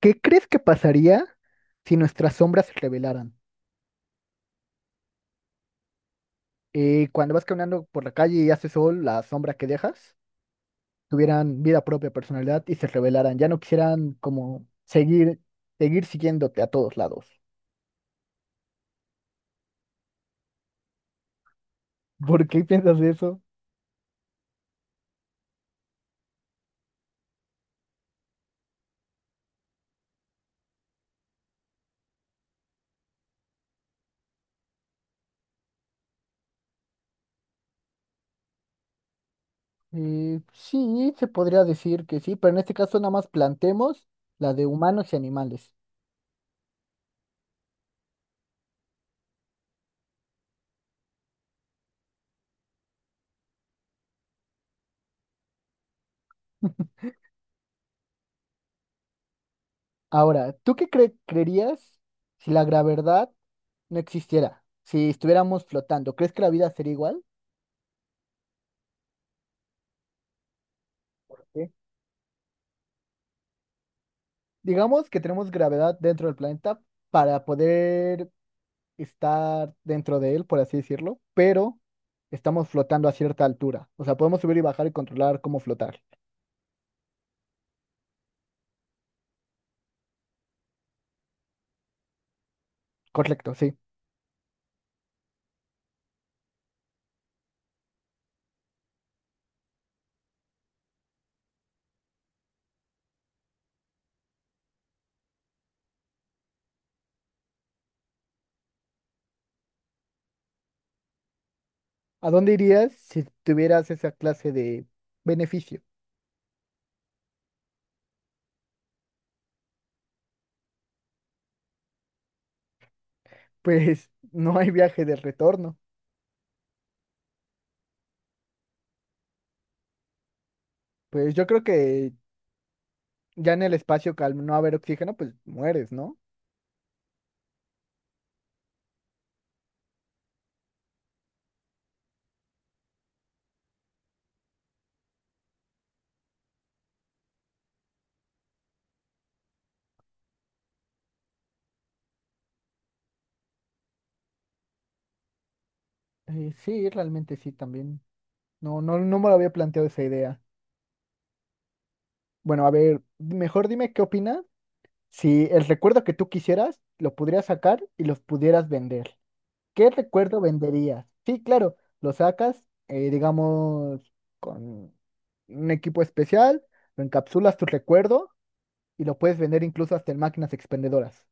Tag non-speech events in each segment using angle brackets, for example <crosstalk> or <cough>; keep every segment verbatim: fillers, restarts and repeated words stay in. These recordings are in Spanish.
¿Qué crees que pasaría si nuestras sombras se revelaran? Eh, cuando vas caminando por la calle y hace sol, la sombra que dejas tuvieran vida propia, personalidad y se revelaran. Ya no quisieran como seguir, seguir siguiéndote a todos lados. ¿Por qué piensas de eso? Eh, sí, se podría decir que sí, pero en este caso nada más planteemos la de humanos y animales. <laughs> Ahora, ¿tú qué cre- creerías si la gravedad no existiera? Si estuviéramos flotando, ¿crees que la vida sería igual? ¿Por qué? Digamos que tenemos gravedad dentro del planeta para poder estar dentro de él, por así decirlo, pero estamos flotando a cierta altura. O sea, podemos subir y bajar y controlar cómo flotar. Correcto, sí. ¿A dónde irías si tuvieras esa clase de beneficio? <laughs> Pues no hay viaje de retorno. Pues yo creo que ya en el espacio, que al no haber oxígeno, pues mueres, ¿no? Eh, sí, realmente sí, también. No, no, no me lo había planteado esa idea. Bueno, a ver, mejor dime qué opinas. Si el recuerdo que tú quisieras, lo pudieras sacar y los pudieras vender. ¿Qué recuerdo venderías? Sí, claro, lo sacas, eh, digamos, con un equipo especial, lo encapsulas tu recuerdo y lo puedes vender incluso hasta en máquinas expendedoras.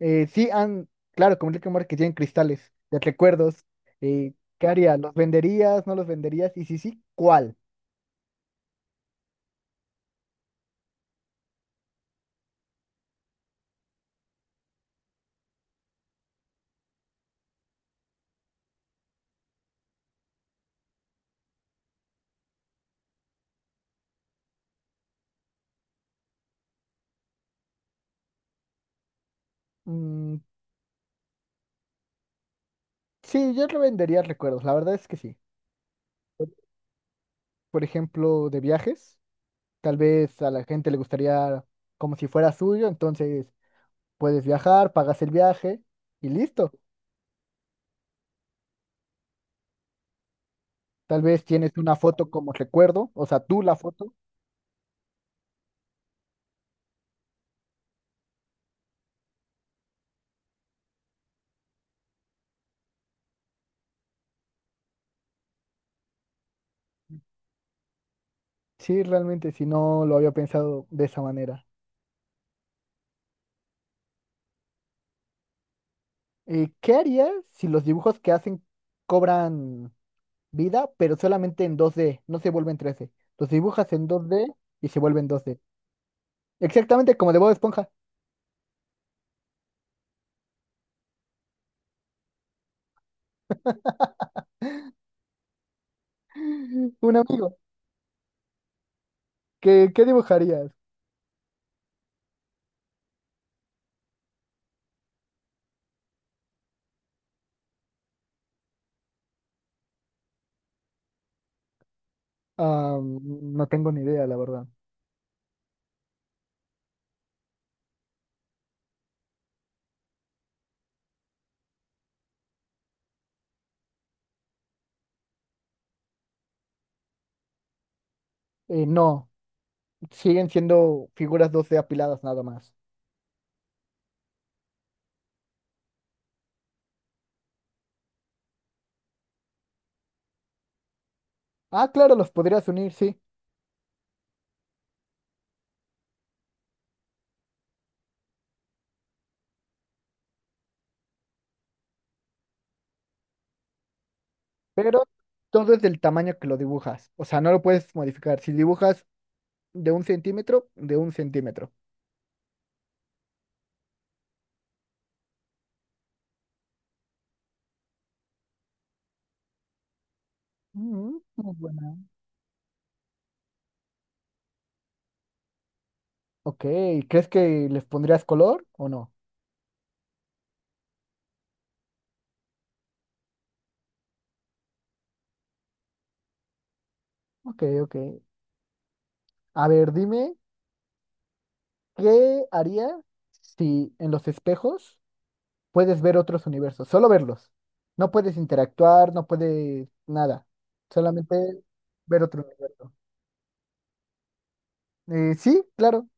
Eh, sí, han, claro, como Rick and Morty que tienen cristales de recuerdos. eh, ¿qué harías? ¿Los venderías? ¿No los venderías? Y si sí, ¿cuál? Mm, sí, yo vendería recuerdos, la verdad es que sí. Por ejemplo, de viajes. Tal vez a la gente le gustaría como si fuera suyo, entonces puedes viajar, pagas el viaje y listo. Tal vez tienes una foto como recuerdo, o sea, tú la foto. Sí, realmente, si no lo había pensado de esa manera. Eh, ¿qué harías si los dibujos que hacen cobran vida, pero solamente en dos D, no se vuelven tres D? Los dibujas en dos D y se vuelven dos D. Exactamente como de Bob Esponja. <laughs> Un amigo. ¿Qué, qué dibujarías? Ah, mm, no tengo ni idea, la verdad. Eh, no. Siguen siendo figuras dos d apiladas nada más. Ah, claro, los podrías unir, sí, pero todo es del tamaño que lo dibujas. O sea, no lo puedes modificar. Si dibujas de un centímetro, de un centímetro. Mm, muy buena. Ok, ¿crees que les pondrías color o no? Ok, ok. A ver, dime, ¿qué haría si en los espejos puedes ver otros universos? Solo verlos. No puedes interactuar, no puedes nada. Solamente ver otro universo. Eh, sí, claro.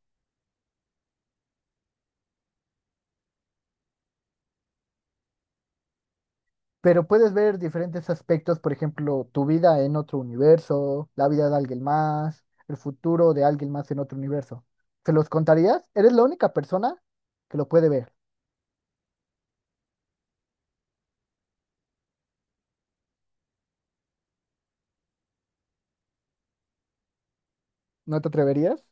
Pero puedes ver diferentes aspectos, por ejemplo, tu vida en otro universo, la vida de alguien más, el futuro de alguien más en otro universo. ¿Se los contarías? ¿Eres la única persona que lo puede ver? ¿No te atreverías?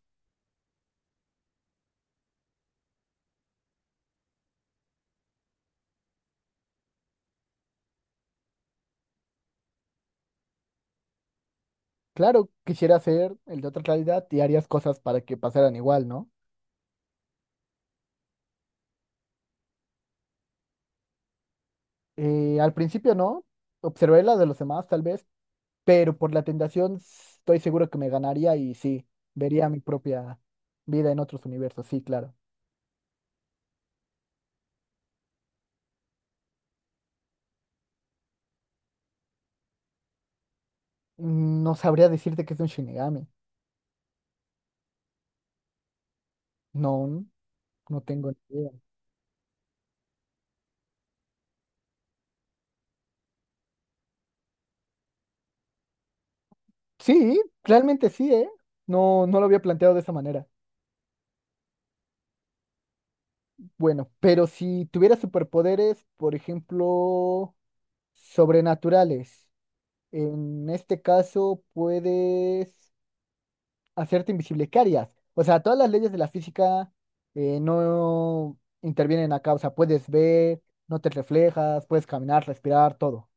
Claro, quisiera ser el de otra realidad y harías cosas para que pasaran igual, ¿no? Eh, al principio no, observé las de los demás tal vez, pero por la tentación s- estoy seguro que me ganaría y sí, vería mi propia vida en otros universos, sí, claro. Mm, No sabría decirte que es un Shinigami. No, no tengo ni idea. Sí, realmente sí, ¿eh? No, no lo había planteado de esa manera. Bueno, pero si tuviera superpoderes, por ejemplo, sobrenaturales, en este caso puedes hacerte invisible. ¿Qué harías? O sea, todas las leyes de la física eh, no intervienen acá. O sea, puedes ver, no te reflejas, puedes caminar, respirar, todo.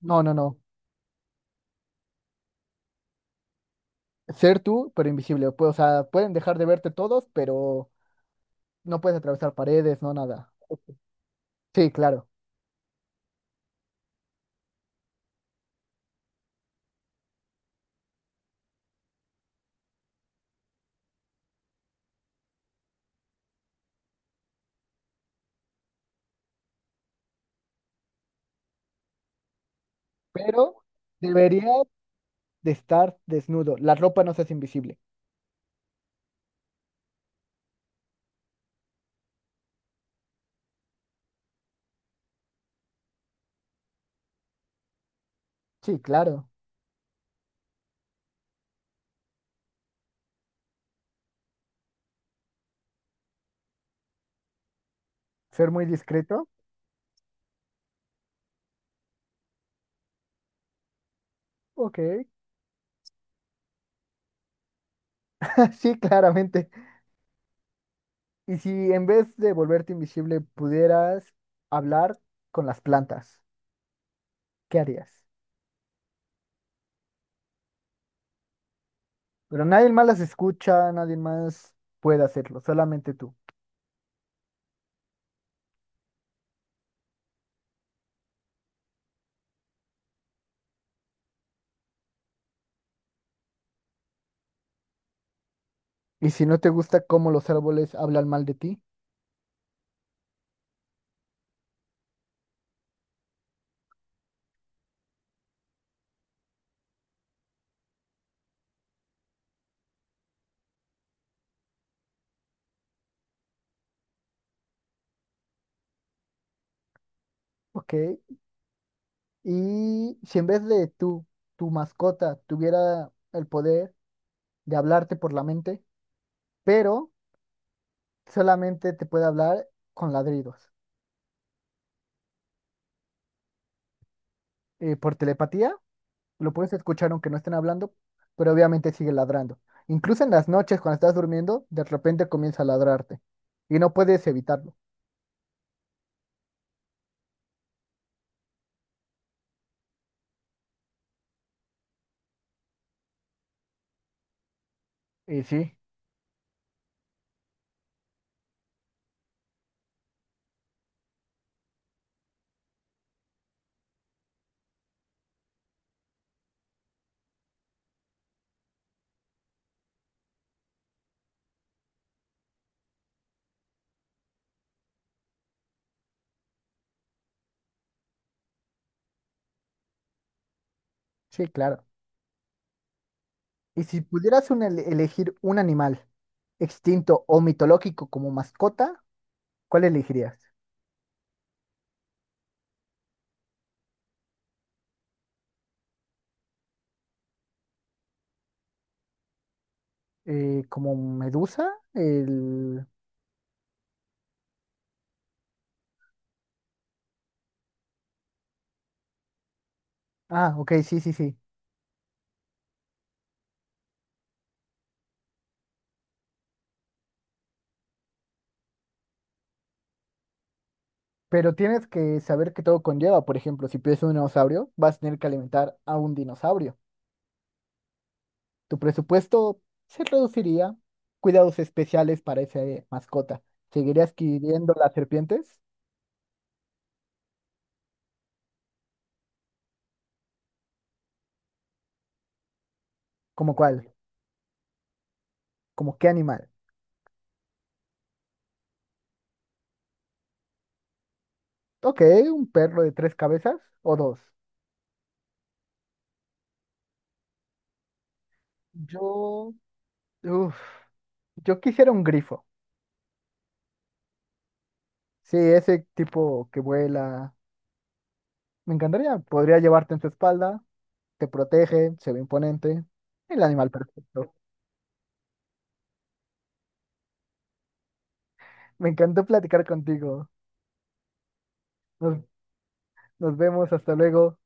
No, no, no. Ser tú, pero invisible. Pues, o sea, pueden dejar de verte todos, pero no puedes atravesar paredes, no nada. Sí, claro. Pero debería de estar desnudo. La ropa no se hace invisible. Sí, claro. Ser muy discreto. Ok. <laughs> Sí, claramente. Y si en vez de volverte invisible pudieras hablar con las plantas, ¿qué harías? Pero nadie más las escucha, nadie más puede hacerlo, solamente tú. Y si no te gusta cómo los árboles hablan mal de ti, ok. Y si en vez de tú, tu mascota tuviera el poder de hablarte por la mente, pero solamente te puede hablar con ladridos. Eh, por telepatía, lo puedes escuchar aunque no estén hablando, pero obviamente sigue ladrando. Incluso en las noches, cuando estás durmiendo, de repente comienza a ladrarte y no puedes evitarlo. Y sí, sí, claro. Y si pudieras un ele- elegir un animal extinto o mitológico como mascota, ¿cuál elegirías? Eh, ¿como medusa? El... Ah, ok, sí, sí, sí. Pero tienes que saber que todo conlleva. Por ejemplo, si pides un dinosaurio, vas a tener que alimentar a un dinosaurio. Tu presupuesto se reduciría. Cuidados especiales para esa eh, mascota. ¿Seguirías adquiriendo las serpientes? ¿Como cuál? ¿Como qué animal? Ok, un perro de tres cabezas o dos. Yo, uf, yo quisiera un grifo. Sí, ese tipo que vuela. Me encantaría. Podría llevarte en su espalda, te protege, se ve imponente. El animal perfecto. Me encantó platicar contigo. Nos, nos vemos, hasta luego.